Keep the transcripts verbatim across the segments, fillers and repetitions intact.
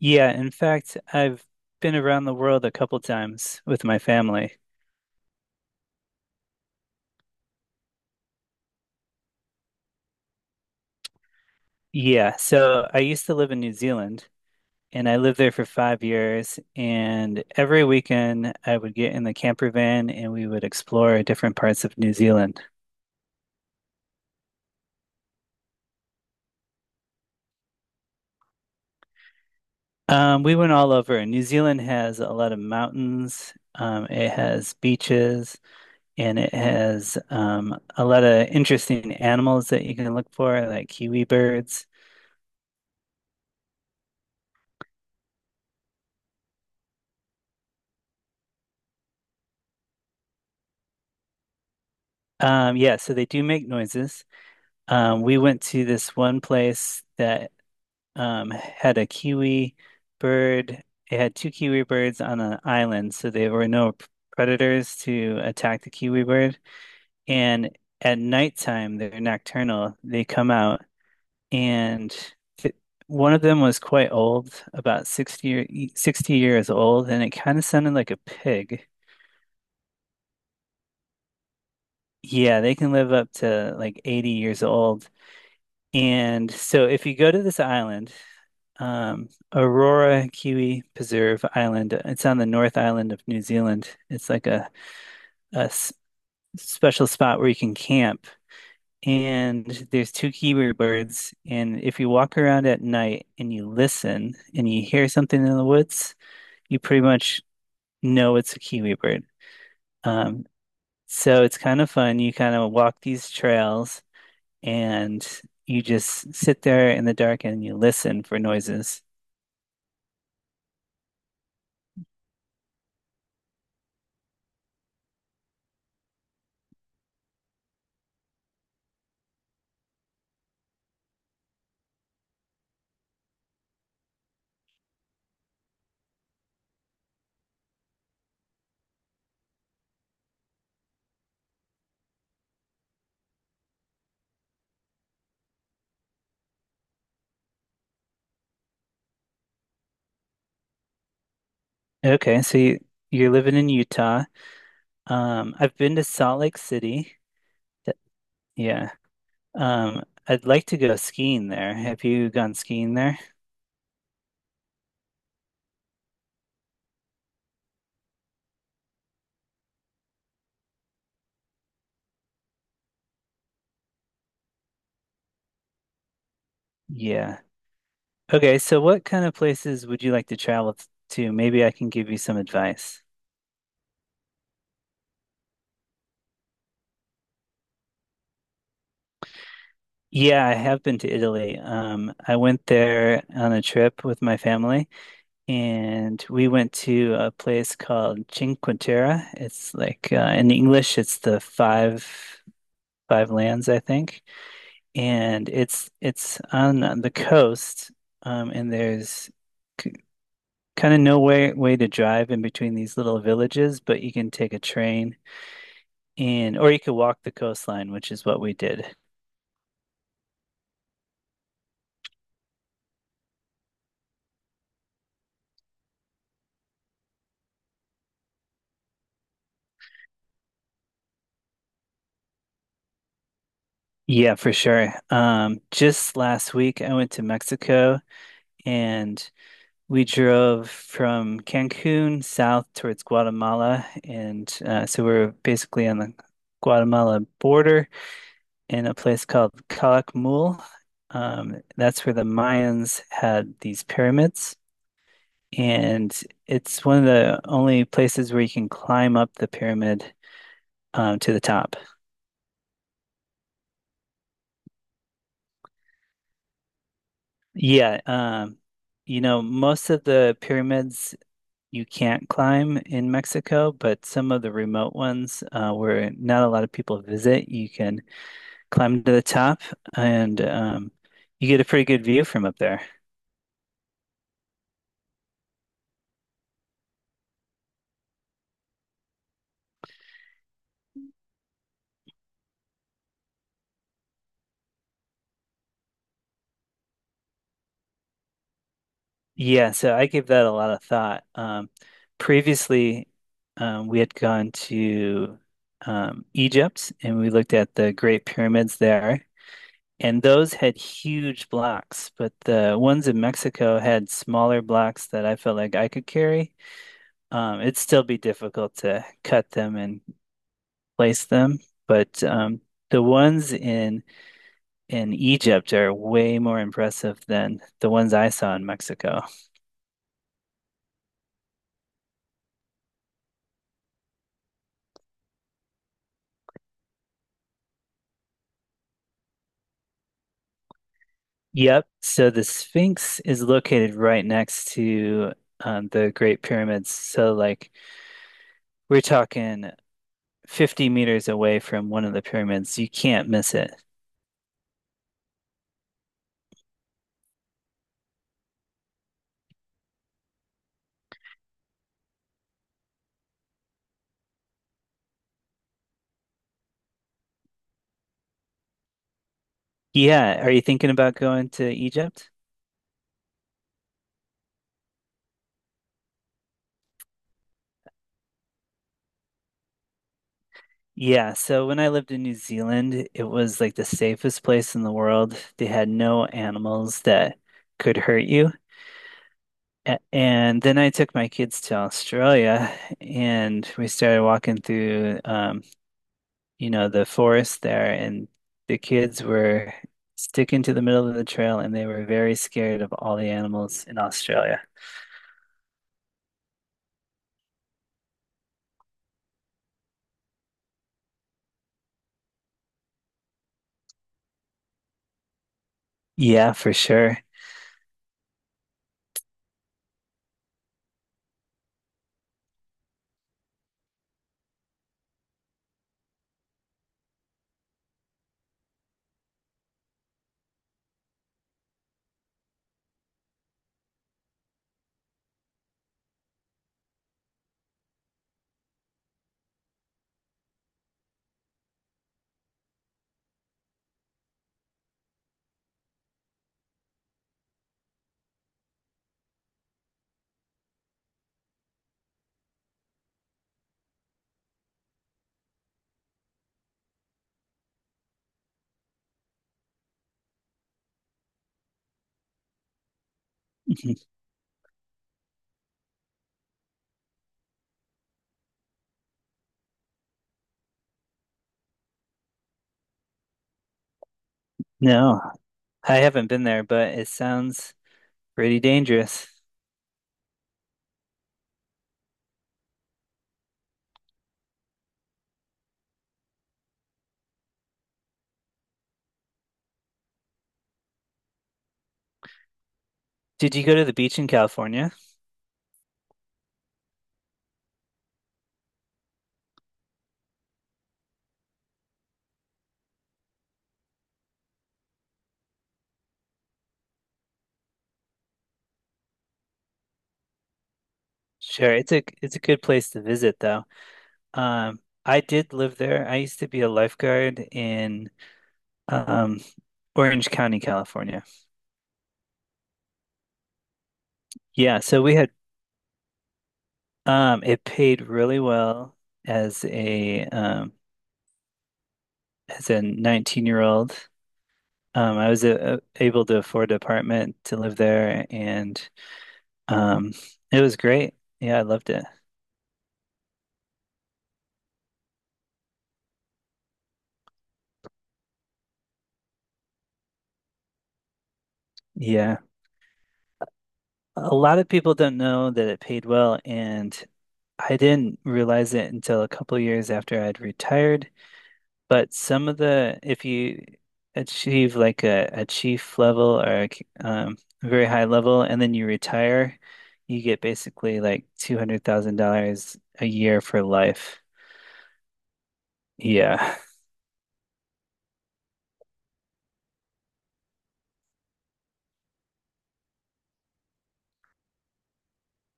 Yeah, in fact, I've been around the world a couple times with my family. Yeah, so I used to live in New Zealand and I lived there for five years. And every weekend I would get in the camper van and we would explore different parts of New Zealand. Um, we went all over. New Zealand has a lot of mountains, um, it has beaches, and it has um, a lot of interesting animals that you can look for, like kiwi birds. Um, yeah, so they do make noises. Um, we went to this one place that um, had a kiwi bird. It had two kiwi birds on an island, so there were no p- predators to attack the kiwi bird. And at nighttime, they're nocturnal. They come out, and th one of them was quite old, about sixty, year- sixty years old, and it kind of sounded like a pig. Yeah, they can live up to like eighty years old. And so if you go to this island, Um, Aurora Kiwi Preserve Island. It's on the North Island of New Zealand. It's like a, a s- special spot where you can camp. And there's two kiwi birds. And if you walk around at night and you listen and you hear something in the woods, you pretty much know it's a kiwi bird. Um, so it's kind of fun. You kind of walk these trails and you just sit there in the dark and you listen for noises. Okay, so you, you're living in Utah. Um, I've been to Salt Lake City. Th- Yeah. Um, I'd like to go skiing there. Have you gone skiing there? Yeah. Okay, so What kind of places would you like to travel t- to? Maybe I can give you some advice. Yeah, I have been to Italy. Um, I went there on a trip with my family, and we went to a place called Cinque Terre. It's like uh, in English, it's the five five lands, I think. And it's it's on the coast, um, and there's k kind of no way way to drive in between these little villages, but you can take a train and or you could walk the coastline, which is what we did. Yeah, for sure. Um, just last week I went to Mexico and we drove from Cancun south towards Guatemala, and uh, so we're basically on the Guatemala border in a place called Calakmul. Um, that's where the Mayans had these pyramids, and it's one of the only places where you can climb up the pyramid um, to the top. Yeah, um, you know, most of the pyramids you can't climb in Mexico, but some of the remote ones uh, where not a lot of people visit, you can climb to the top and um, you get a pretty good view from up there. Yeah, so I gave that a lot of thought. Um, previously, um, we had gone to um, Egypt and we looked at the Great Pyramids there, and those had huge blocks, but the ones in Mexico had smaller blocks that I felt like I could carry. Um, it'd still be difficult to cut them and place them, but um, the ones in in Egypt are way more impressive than the ones I saw in Mexico. Yep. So the Sphinx is located right next to um, the Great Pyramids. So, like, we're talking fifty meters away from one of the pyramids. You can't miss it. Yeah. Are you thinking about going to Egypt? Yeah. So, when I lived in New Zealand, it was like the safest place in the world. They had no animals that could hurt you. A- And then I took my kids to Australia and we started walking through um, you know, the forest there, and the kids were sticking to the middle of the trail and they were very scared of all the animals in Australia. Yeah, for sure. No, I haven't been there, but it sounds pretty dangerous. Did you go to the beach in California? Sure, it's a it's a good place to visit though. Um, I did live there. I used to be a lifeguard in um, Orange County, California. Yeah, so we had um, it paid really well as a um, as a nineteen year old. Um, I was uh, uh, able to afford an apartment to live there, and um, it was great. Yeah, I loved it. Yeah, a lot of people don't know that it paid well, and I didn't realize it until a couple years after I'd retired. But some of the, if you achieve like a, a chief level or a, c- um, a very high level and then you retire, you get basically like two hundred thousand dollars a year for life. Yeah.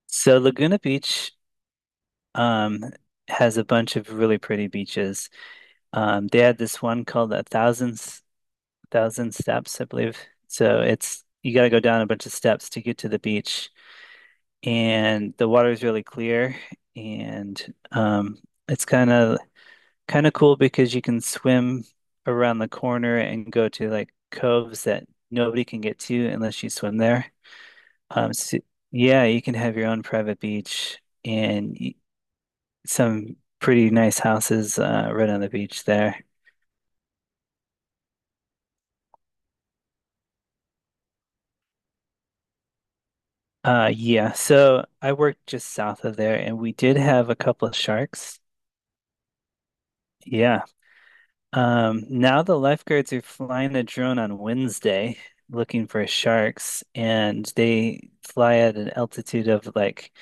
So Laguna Beach, um, has a bunch of really pretty beaches. Um, they had this one called a thousand, S- thousand steps, I believe. So it's, you got to go down a bunch of steps to get to the beach. And the water is really clear and um it's kind of kind of cool because you can swim around the corner and go to like coves that nobody can get to unless you swim there. Um so, yeah, you can have your own private beach and y- some pretty nice houses uh right on the beach there. Uh yeah, so I worked just south of there and we did have a couple of sharks. Yeah. Um, now the lifeguards are flying a drone on Wednesday looking for sharks, and they fly at an altitude of like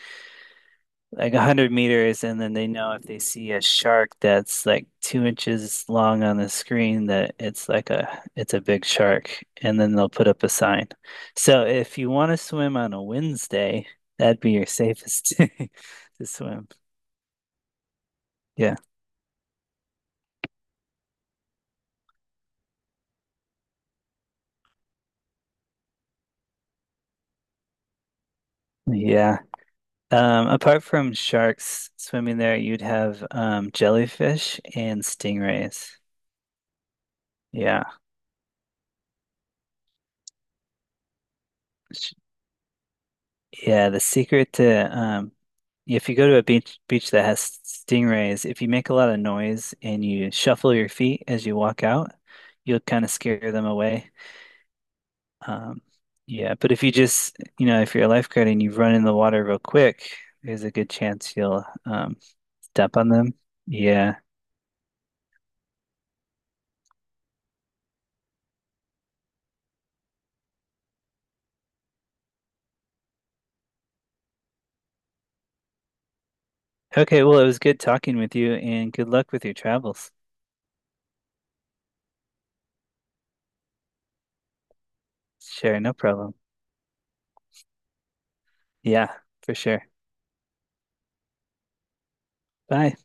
like a hundred meters, and then they know if they see a shark that's like two inches long on the screen that it's like a it's a big shark, and then they'll put up a sign. So if you want to swim on a Wednesday, that'd be your safest day to swim. Yeah. Yeah. Um, apart from sharks swimming there, you'd have um, jellyfish and stingrays. Yeah. Sh- Yeah, the secret to um, if you go to a beach beach that has stingrays, if you make a lot of noise and you shuffle your feet as you walk out, you'll kind of scare them away. Um, yeah, but if you just, you know, if you're a lifeguard and you run in the water real quick, there's a good chance you'll um, step on them. Yeah. Okay, well, it was good talking with you and good luck with your travels. Sure, no problem. Yeah, for sure. Bye.